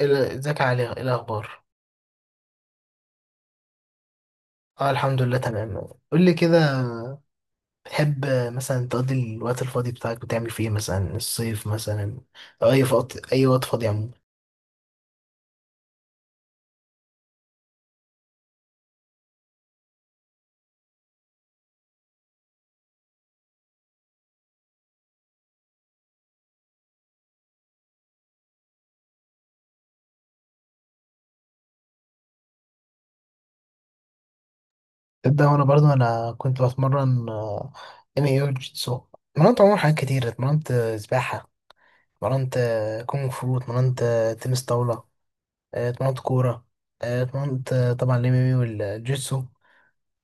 ازيك يا علي، ايه الاخبار؟ اه، الحمد لله تمام. قول لي كده. تحب مثلا تقضي الوقت الفاضي بتاعك بتعمل فيه إيه؟ مثلا الصيف مثلا، او اي وقت اي وقت فاضي عموما. تبدا. وانا برضو انا كنت بتمرن ام اي او جيتسو. اتمرنت عموما حاجات كتير، اتمرنت سباحه، اتمرنت كونغ فو، اتمرنت تنس طاوله، اتمرنت كوره، اتمرنت طبعا الام ام اي والجيتسو.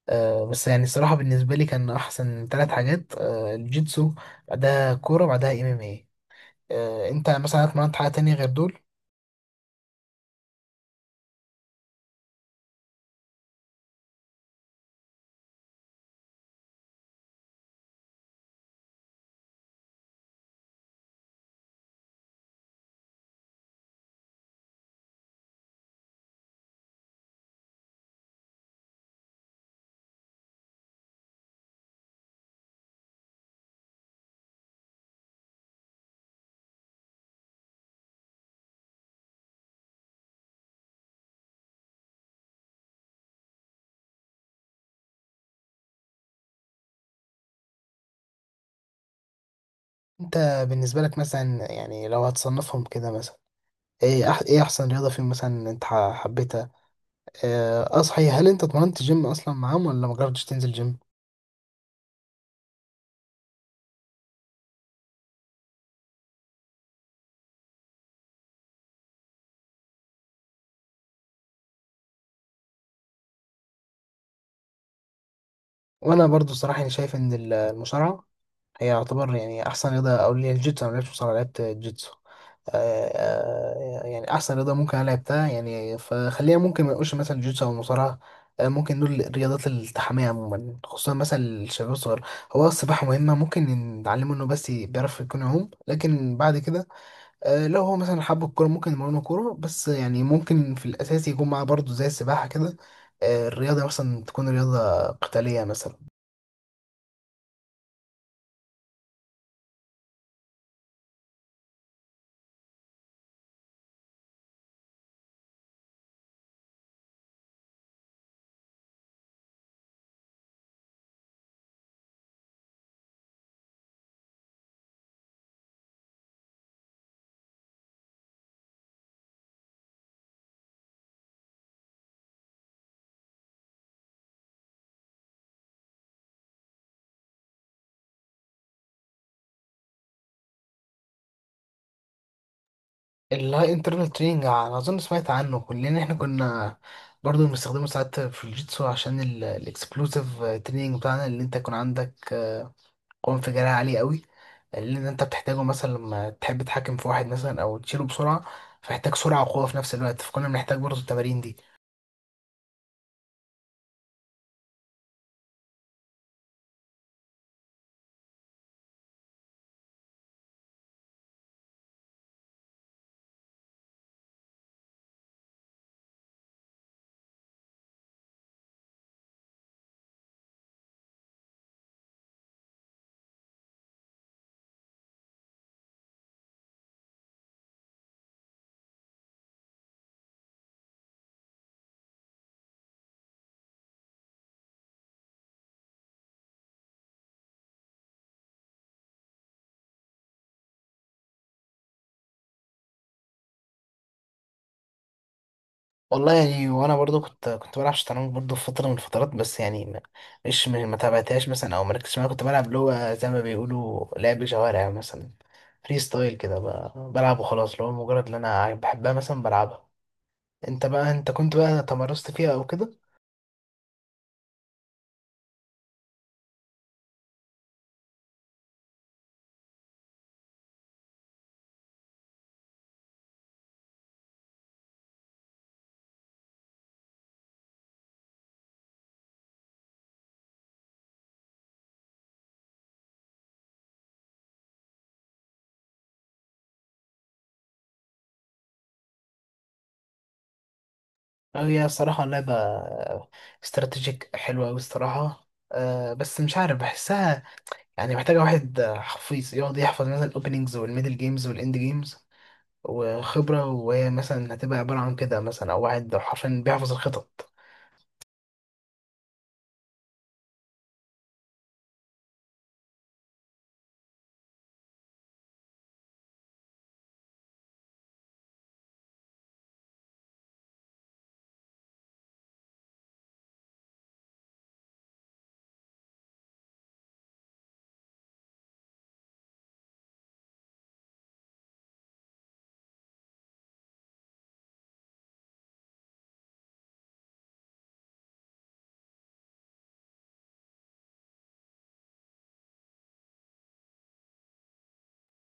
بس يعني الصراحة بالنسبة لي كان أحسن ثلاث حاجات، الجيتسو، بعدها كورة، بعدها MMA. انت مثلا اتمرنت حاجة تانية غير دول؟ انت بالنسبة لك مثلا يعني لو هتصنفهم كده مثلا، ايه احسن رياضة فيهم مثلا انت حبيتها؟ اه صحيح، هل انت اتمرنت جيم اصلا معاهم ولا ما جربتش تنزل جيم؟ وانا برضو صراحة يعني شايف ان المصارعة هي يعتبر يعني احسن رياضة، او اللي هي الجيتسو، انا ما لعبتش مصارعة لعبت جيتسو. يعني احسن رياضه ممكن انا لعبتها، يعني فخلينا ممكن ما نقولش مثلا الجيتسو او المصارعه. ممكن دول الرياضات التحامية عموما، خصوصا مثلا الشباب الصغير. هو السباحة مهمة، ممكن نتعلمه انه بس بيعرف يكون يعوم، لكن بعد كده لو هو مثلا حب الكورة ممكن نمرنه كورة، بس يعني ممكن في الأساس يكون معاه برضه زي السباحة كده. الرياضة مثلا تكون رياضة قتالية مثلا. اللاي انترنال تريننج انا اظن سمعت عنه. كلنا احنا كنا برضو بنستخدمه ساعات في الجيتسو عشان الاكسبلوسيف تريننج بتاعنا، اللي انت يكون عندك قوة انفجارية عالية قوي، اللي انت بتحتاجه مثلا لما تحب تتحكم في واحد مثلا او تشيله بسرعة، فيحتاج سرعة وقوة في نفس الوقت، فكنا بنحتاج برضو التمارين دي. والله يعني، وانا برضو كنت بلعب شطرنج برضو في فتره من الفترات، بس يعني مش ما تابعتهاش مثلا او مركزتش معاها. كنت بلعب اللي هو زي ما بيقولوا لعب شوارع مثلا، فري ستايل كده بلعب وخلاص، اللي هو مجرد ان انا بحبها مثلا بلعبها. انت بقى، انت كنت بقى تمرست فيها او كده؟ هي الصراحه لعبه استراتيجيك حلوه قوي الصراحه، بس مش عارف بحسها. يعني محتاجه واحد حفيظ يقعد يحفظ مثلا الاوبننجز والميدل جيمز والاند جيمز وخبرة، وهي مثلا هتبقى عبارة عن كده مثلا، أو واحد حرفيا بيحفظ الخطط.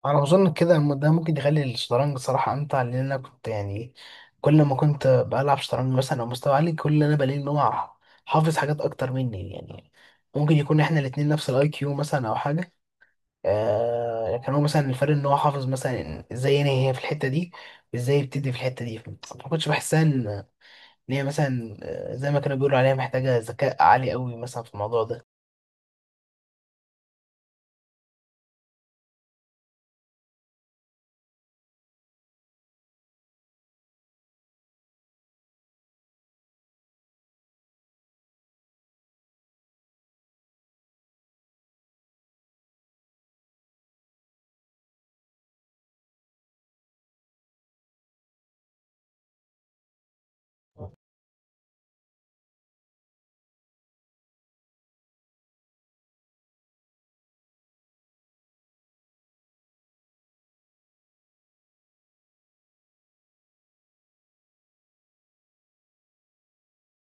على ما أظن كده ده ممكن يخلي الشطرنج صراحة أمتع، لأن أنا كنت يعني كل ما كنت بلعب شطرنج مثلا أو مستوى عالي، كل اللي أنا بلاقي إن هو حافظ حاجات أكتر مني. يعني ممكن يكون إحنا الاتنين نفس الأي كيو مثلا أو حاجة، لكن هو مثلا الفرق إن هو حافظ مثلا إزاي ينهي هي في الحتة دي وإزاي يبتدي في الحتة دي. ما كنتش بحسها إن هي مثلا، زي ما كانوا بيقولوا عليها محتاجة ذكاء عالي قوي مثلا في الموضوع ده.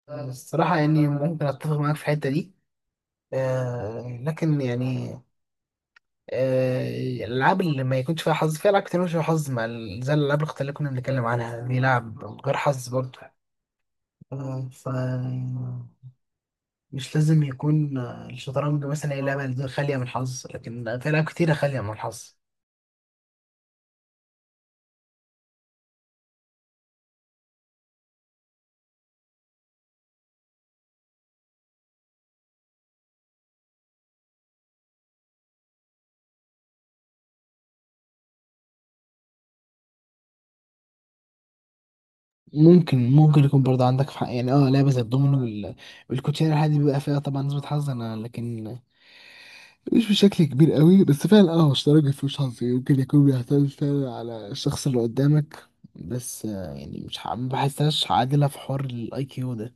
الصراحة يعني ممكن أتفق معاك في الحتة دي، لكن يعني آه الألعاب اللي ما يكونش فيها حظ، في ألعاب كتير مش فيها حظ مع زي الألعاب الأخت اللي كنا بنتكلم عنها دي، لعب غير حظ برضه. آه ف مش لازم يكون الشطرنج مثلا هي لعبة دي خالية من الحظ، لكن في ألعاب كتيرة خالية من الحظ. ممكن يكون برضه عندك في حق، يعني اه لعبة زي الدومينو والكوتشينة، الحاجات دي بيبقى فيها طبعا نسبة حظ انا، لكن مش بشكل كبير قوي. بس فعلا اه، هو الشطرنج مفيهوش حظ، يمكن يكون بيعتمد فعلا على الشخص اللي قدامك، بس يعني مش ما بحسهاش عادلة في حوار الاي كيو ده.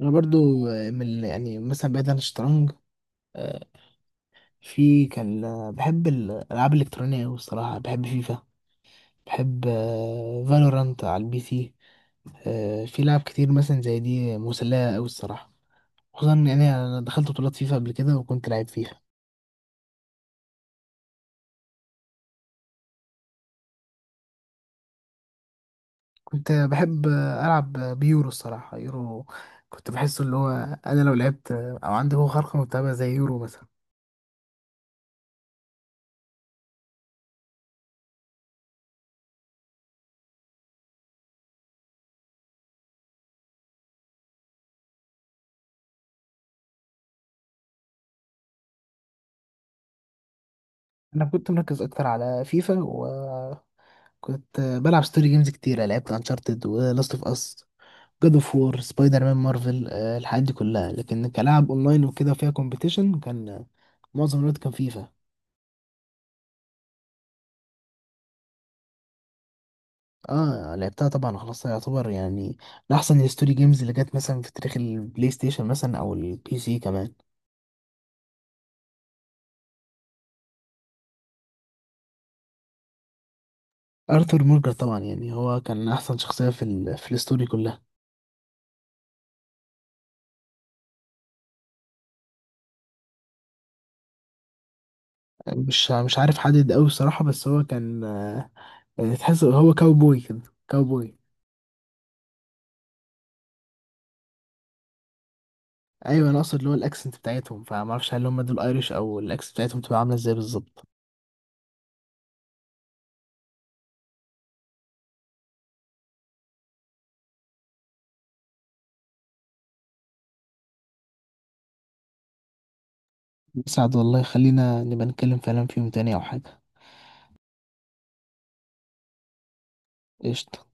انا برضو من يعني مثلا بعيد عن الشطرنج، آه، في كان بحب الالعاب الالكترونية أوي الصراحة، بحب فيفا، بحب فالورانت على البي سي. في لعب كتير مثلا زي دي مسلية أوي الصراحة، خصوصا يعني انا دخلت بطولات فيفا قبل كده وكنت لعيب فيها. كنت بحب ألعب بيورو الصراحة، يورو كنت بحسه اللي هو أنا لو لعبت أو عندي هو خارقة متابعة زي يورو مثلا. أنا كنت مركز أكتر على فيفا، وكنت بلعب ستوري جيمز كتيرة، لعبت أنشارتد ولاست أوف أس، جاد أوف وور، سبايدر مان، مارفل، الحاجات دي كلها، لكن كلاعب أونلاين وكده فيها كومبيتيشن كان معظم الوقت كان فيفا. اه، لعبتها طبعا، خلاص يعتبر يعني من أحسن الستوري جيمز اللي جت مثلا في تاريخ البلاي ستيشن مثلا أو البي سي كمان. ارثر مورجان طبعا، يعني هو كان احسن شخصيه في في الستوري كلها. مش عارف حدد قوي الصراحه، بس هو كان تحس هو كاوبوي كده، كاوبوي. ايوه، انا اقصد اللي هو الاكسنت بتاعتهم، فما اعرفش هل هم دول ايريش او الاكسنت بتاعتهم تبقى عامله ازاي بالظبط. سعد والله، خلينا نبقى نتكلم فعلا فيهم تاني او حاجه. قشطه.